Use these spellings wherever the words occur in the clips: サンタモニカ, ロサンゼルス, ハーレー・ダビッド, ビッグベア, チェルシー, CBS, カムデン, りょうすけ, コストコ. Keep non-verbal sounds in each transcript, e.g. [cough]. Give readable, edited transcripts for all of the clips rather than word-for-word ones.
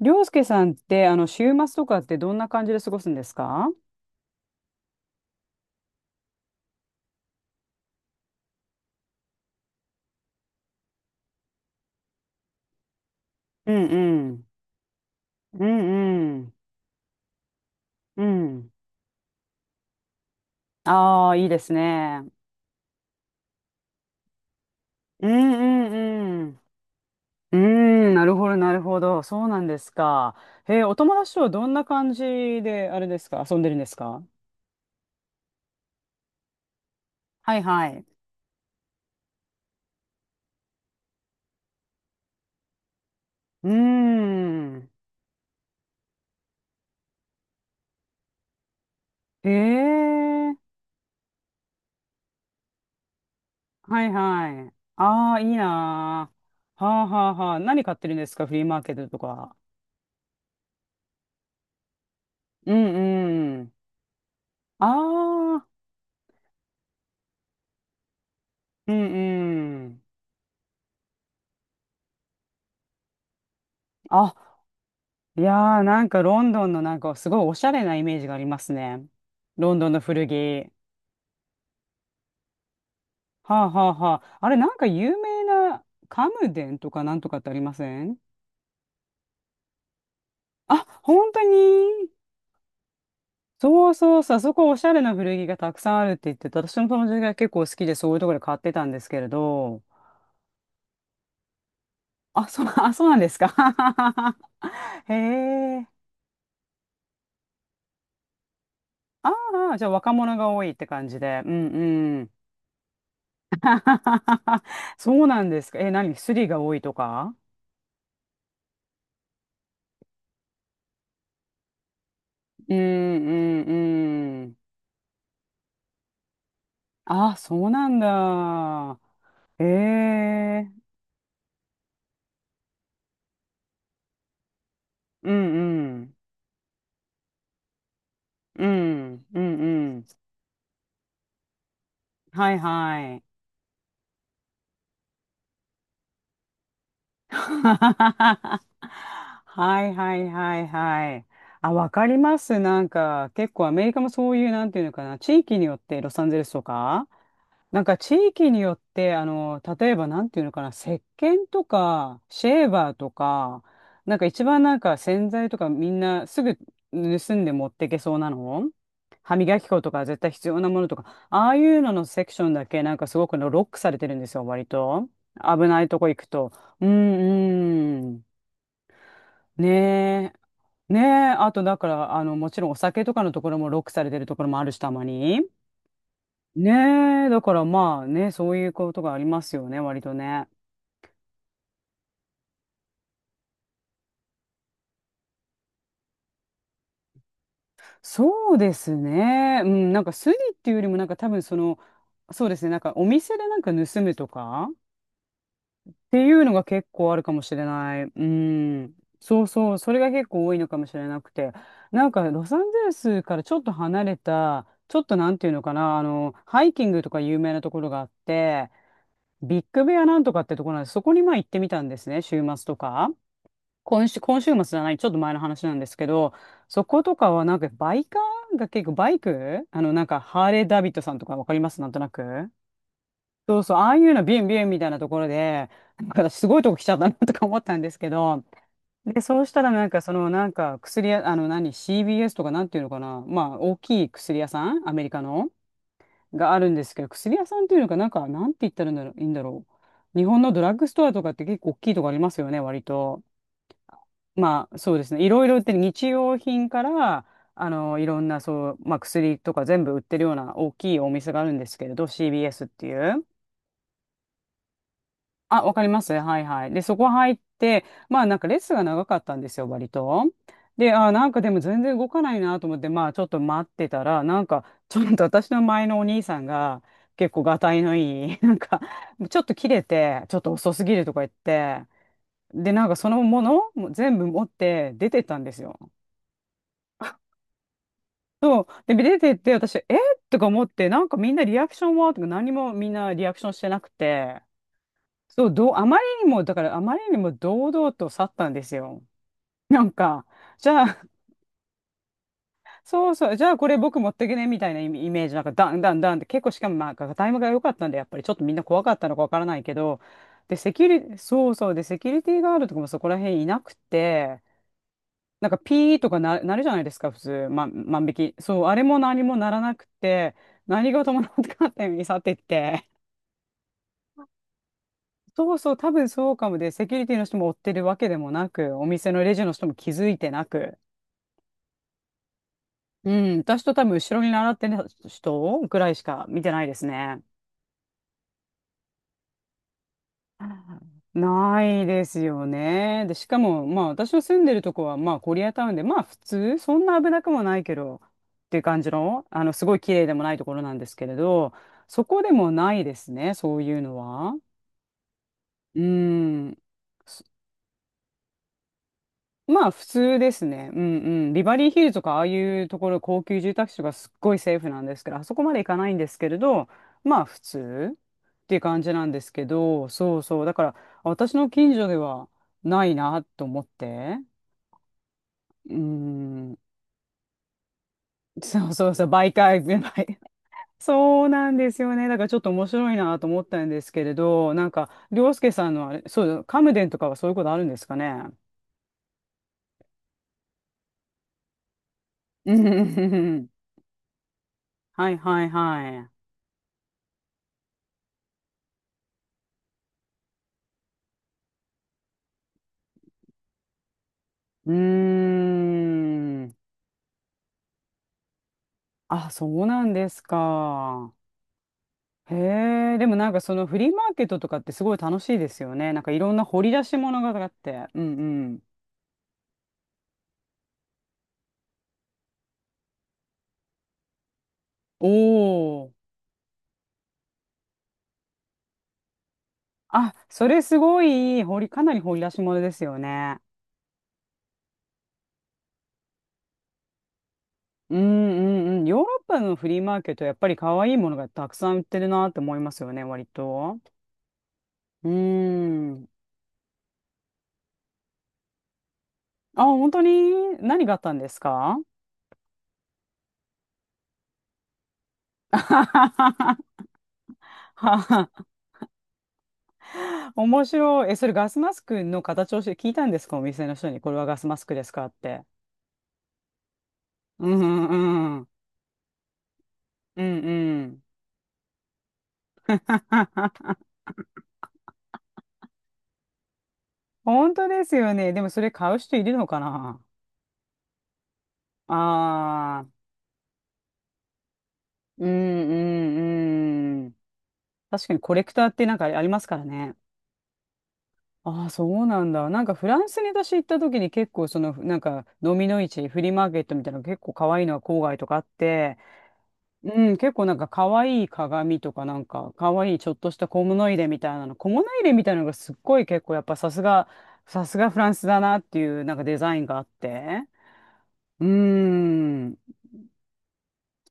りょうすけさんって、週末とかってどんな感じで過ごすんですか？うんうん。うんうん。うん。ああ、いいですね。うんうんうん。うーん、なるほど、なるほど。そうなんですか。へえ、お友達とはどんな感じで、あれですか、遊んでるんですか？はいはい。うーん。へえ、はいはい。ああ、いいなー。はあはあはあ。何買ってるんですか、フリーマーケットとか。うんうん。ああ、うんうん。あ、いやー、なんかロンドンのなんかすごいおしゃれなイメージがありますね。ロンドンの古着。はあはあはあ。あれ、なんか有名なカムデンとかなんとかってありません？あ、本当に？そうそうそう、あそこおしゃれな古着がたくさんあるって言ってて、私の友達が結構好きでそういうところで買ってたんですけれど。あ、そう、あ、そうなんですか。[laughs] へえ。ああ、じゃあ若者が多いって感じで。うんうん。[laughs] そうなんですか。え、何スリが多いとか？うんうんうん。あ、そうなんだ。ええ、うんうん。うんうんうん。はいはい。[laughs] はいはいはいはい。あ、わかります。なんか、結構アメリカもそういう、なんていうのかな、地域によって、ロサンゼルスとか、なんか地域によって、例えばなんていうのかな、石鹸とか、シェーバーとか、なんか一番なんか洗剤とかみんなすぐ盗んで持ってけそうなの、歯磨き粉とか絶対必要なものとか、ああいうののセクションだけなんかすごくのロックされてるんですよ、割と。危ないとこ行くと。うんうん。ねえ。ねえ。あと、だから、もちろんお酒とかのところもロックされてるところもあるし、たまに。ねえ。だから、まあね、そういうことがありますよね、割とね。そうですね。うん、なんかスリっていうよりも、なんか多分その、そうですね、なんかお店でなんか盗むとかっていうのが結構あるかもしれない。うん。そうそう。それが結構多いのかもしれなくて。なんか、ロサンゼルスからちょっと離れた、ちょっとなんていうのかな、ハイキングとか有名なところがあって、ビッグベアなんとかってところなんです。そこにまあ行ってみたんですね、週末とか。今週、今週末じゃない、ちょっと前の話なんですけど、そことかはなんかバイカーが結構バイクなんかハーレー・ダビッドさんとかわかりますなんとなく。そうそう、ああいうのビュンビュンみたいなところで、なんか私すごいとこ来ちゃったなとか思ったんですけど、で、そうしたらなんかそのなんか薬屋、あの何、c b s とかなんていうのかな、まあ大きい薬屋さん、アメリカの、があるんですけど、薬屋さんっていうのかなんか、なんて言ったらいいんだろう、いいんだろう。日本のドラッグストアとかって結構大きいとこありますよね、割と。まあそうですね、いろいろ売ってる日用品から、いろんなそう、まあ薬とか全部売ってるような大きいお店があるんですけれど、c b s っていう。あ、わかります。はいはい。で、そこ入って、まあなんかレッスンが長かったんですよ、割と。で、あ、なんかでも全然動かないなと思って、まあちょっと待ってたら、なんかちょっと私の前のお兄さんが結構がたいのいい、[laughs] なんかちょっと切れて、ちょっと遅すぎるとか言って、で、なんかそのものも全部持って出てったんですよ。で、出てって私、えとか思って、なんかみんなリアクションはとか何もみんなリアクションしてなくて、そう、どう、あまりにも、だからあまりにも堂々と去ったんですよ。なんか、じゃあ、そうそう、じゃあこれ僕持ってけねみたいなイメージ、なんかダンダンダンって結構しかもまあタイムが良かったんで、やっぱりちょっとみんな怖かったのかわからないけど、で、セキュリ、そうそう、で、セキュリティガードとかもそこら辺いなくて、なんかピーとかな、なるじゃないですか、普通、万引き。そう、あれも何もならなくて、何事もなかったように去っていって。そうそう、多分そうかもで、セキュリティの人も追ってるわけでもなく、お店のレジの人も気づいてなく。うん、私と多分後ろに習ってる人ぐらいしか見てないですね。ないですよね。で、しかも、まあ私の住んでるとこは、まあコリアタウンで、まあ普通、そんな危なくもないけど、っていう感じの、すごい綺麗でもないところなんですけれど、そこでもないですね、そういうのは。うん。まあ普通ですね。うんうん。ビバリーヒルズとかああいうところ高級住宅地とかすっごいセーフなんですけど、あそこまで行かないんですけれど、まあ普通っていう感じなんですけど、そうそう。だから私の近所ではないなと思って。うん。そうそうそう。媒介、[laughs] そうなんですよね。だからちょっと面白いなと思ったんですけれど、なんか、涼介さんのあれ、そう、カムデンとかはそういうことあるんですかね。うんうんうんうん。はいはいはい。うーん。あ、そうなんですか。へえ、でもなんかそのフリーマーケットとかってすごい楽しいですよね。なんかいろんな掘り出し物があって。うんうん。おお。あ、それすごいかなり掘り出し物ですよね。うんうんうん。ヨーロッパのフリーマーケット、やっぱり可愛いものがたくさん売ってるなって思いますよね、割と。うーん。あ、本当に何があったんですか？ [laughs] ははは [laughs] 面白い。え、それガスマスクの形をして聞いたんですかお店の人に。これはガスマスクですかって。うんうんうん。うんうん。[laughs] 本当ですよね。でもそれ買う人いるのかな？ああ、うんうんうん。確かにコレクターってなんかありますからね。ああ、そうなんだ。なんかフランスに私行った時に結構その、なんか、ノミの市、フリーマーケットみたいなの結構可愛いのが郊外とかあって、うん、結構なんか可愛い鏡とかなんか可愛いちょっとした小物入れみたいなの、小物入れみたいなのがすっごい結構やっぱさすが、さすがフランスだなっていうなんかデザインがあって。うん。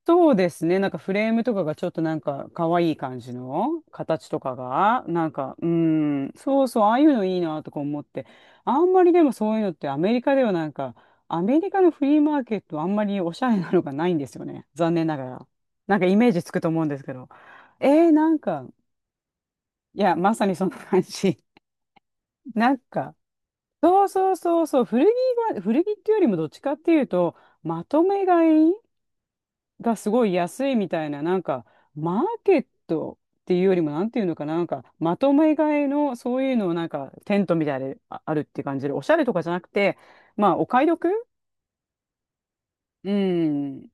そうですね。なんかフレームとかがちょっとなんか可愛い感じの形とかが、なんか、うん、そうそう、ああいうのいいなとか思って、あんまりでもそういうのってアメリカではなんか、アメリカのフリーマーケットあんまりおしゃれなのがないんですよね。残念ながら。なんかイメージつくと思うんですけど。えー、なんか、いや、まさにそんな感じ。[laughs] なんか、そうそうそうそう、古着が、古着っていうよりもどっちかっていうと、まとめ買いがすごい安いみたいな、なんか、マーケットっていうよりも、なんていうのかな、なんか、まとめ買いの、そういうのをなんか、テントみたいでああるっていう感じで、おしゃれとかじゃなくて、まあ、お買い得。うん。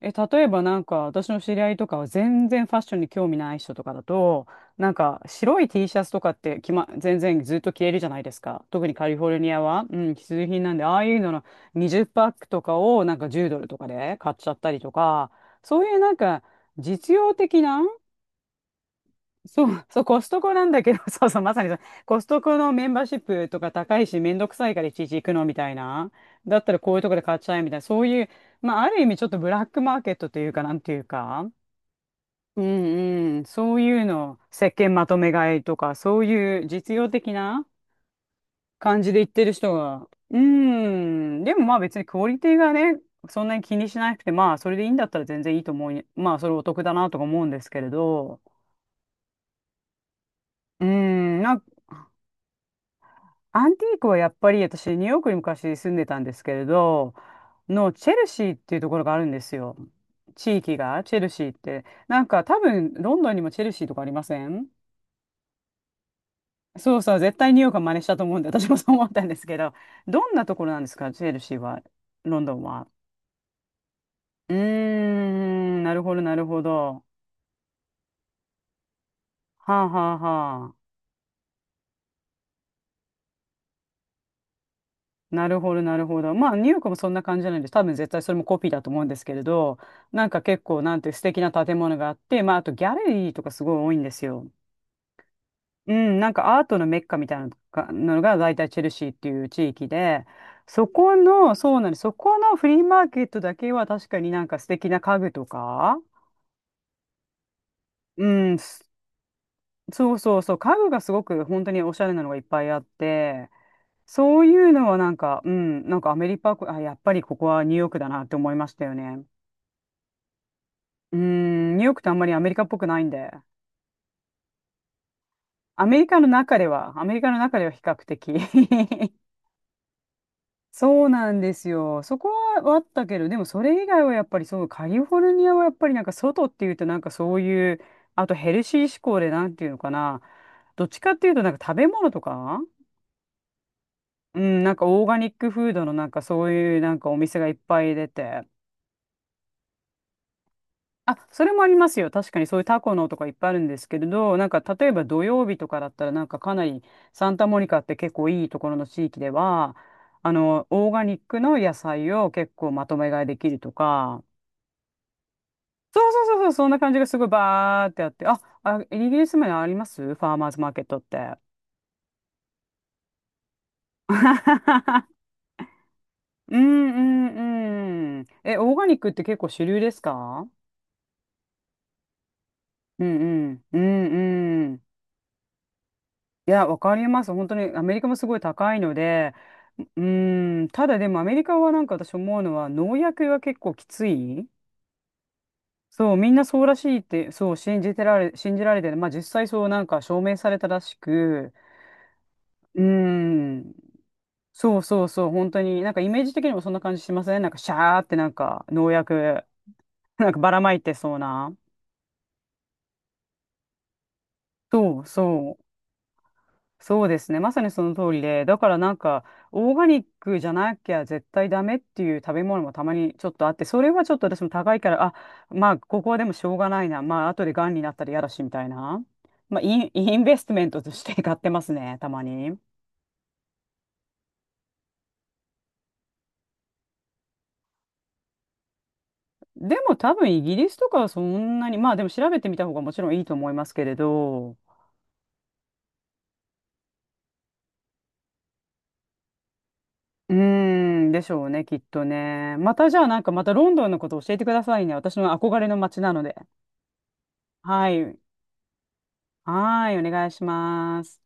え、例えばなんか私の知り合いとかは全然ファッションに興味ない人とかだと、なんか白い T シャツとかってきま、全然ずっと着れるじゃないですか。特にカリフォルニアは、うん、必需品なんで、ああいうのの20パックとかをなんか10ドルとかで買っちゃったりとか、そういうなんか実用的な。そう、そう、コストコなんだけど、[laughs] そうそう、まさにそう、コストコのメンバーシップとか高いし、めんどくさいからいちいち行くのみたいな。だったらこういうとこで買っちゃえみたいな、そういう、まあ、ある意味ちょっとブラックマーケットというか、なんていうか、うんうん、そういうの、石鹸まとめ買いとか、そういう実用的な感じで言ってる人が、うん、でもまあ別にクオリティがね、そんなに気にしなくて、まあそれでいいんだったら全然いいと思う、まあそれお得だなとか思うんですけれど、うん、なんか。アンティークはやっぱり私ニューヨークに昔住んでたんですけれどのチェルシーっていうところがあるんですよ。地域がチェルシーって、なんか多分ロンドンにもチェルシーとかありません？そうそう、絶対ニューヨークは真似したと思うんで。私もそう思ったんですけど、どんなところなんですかチェルシーは？ロンドンは？うーん、なるほどなるほど。はあはあ。は。なるほど、なるほど。まあ、ニューヨークもそんな感じじゃないんです。多分絶対それもコピーだと思うんですけれど、なんか結構、なんて素敵な建物があって、まあ、あとギャラリーとかすごい多いんですよ。うん、なんかアートのメッカみたいなのが、のが大体チェルシーっていう地域で、そこの、そうなんです。そこのフリーマーケットだけは確かになんか素敵な家具とか、うん、す、そうそうそう、家具がすごく本当におしゃれなのがいっぱいあって、そういうのはなんか、うん、なんかアメリカ、あ、やっぱりここはニューヨークだなって思いましたよね。うん、ニューヨークってあんまりアメリカっぽくないんで、アメリカの中では、アメリカの中では比較的。 [laughs] そうなんですよ。そこはあったけど、でもそれ以外はやっぱりそう、カリフォルニアはやっぱりなんか外っていうとなんかそういう、あとヘルシー志向でなんていうのかな、どっちかっていうとなんか食べ物とか、うん、なんかオーガニックフードのなんかそういうなんかお店がいっぱい出て。あ、それもありますよ。確かにそういうタコのとかいっぱいあるんですけれど、なんか例えば土曜日とかだったら、なんかかなり、サンタモニカって結構いいところの地域では、あの、オーガニックの野菜を結構まとめ買いできるとか、そうそうそうそう、そんな感じがすごいバーってあって、あ、あ、イギリスもありますファーマーズマーケットって。[laughs] うんうんうん。え、オーガニックって結構主流ですか？うんうん。うんうん。いや、わかります。本当にアメリカもすごい高いので、うーん、ただでもアメリカはなんか私思うのは農薬が結構きつい。そう、みんなそうらしいって、そう、信じられてる。まあ実際そうなんか証明されたらしく、うーん、そうそうそう、本当になんかイメージ的にもそんな感じしません？なんかシャーってなんか農薬、なんかばらまいてそうな。そうそう。そうですね。まさにその通りで、だからなんか、オーガニックじゃなきゃ絶対ダメっていう食べ物もたまにちょっとあって、それはちょっと私も高いから、あ、まあ、ここはでもしょうがないな。まあ、後で癌になったら嫌だし、みたいな。まあ、インベストメントとして買ってますね、たまに。でも多分イギリスとかはそんなに、まあでも調べてみた方がもちろんいいと思いますけれど、うーん、でしょうね、きっとね。またじゃあなんかまたロンドンのこと教えてくださいね。私の憧れの街なので。はい。はーい、お願いします。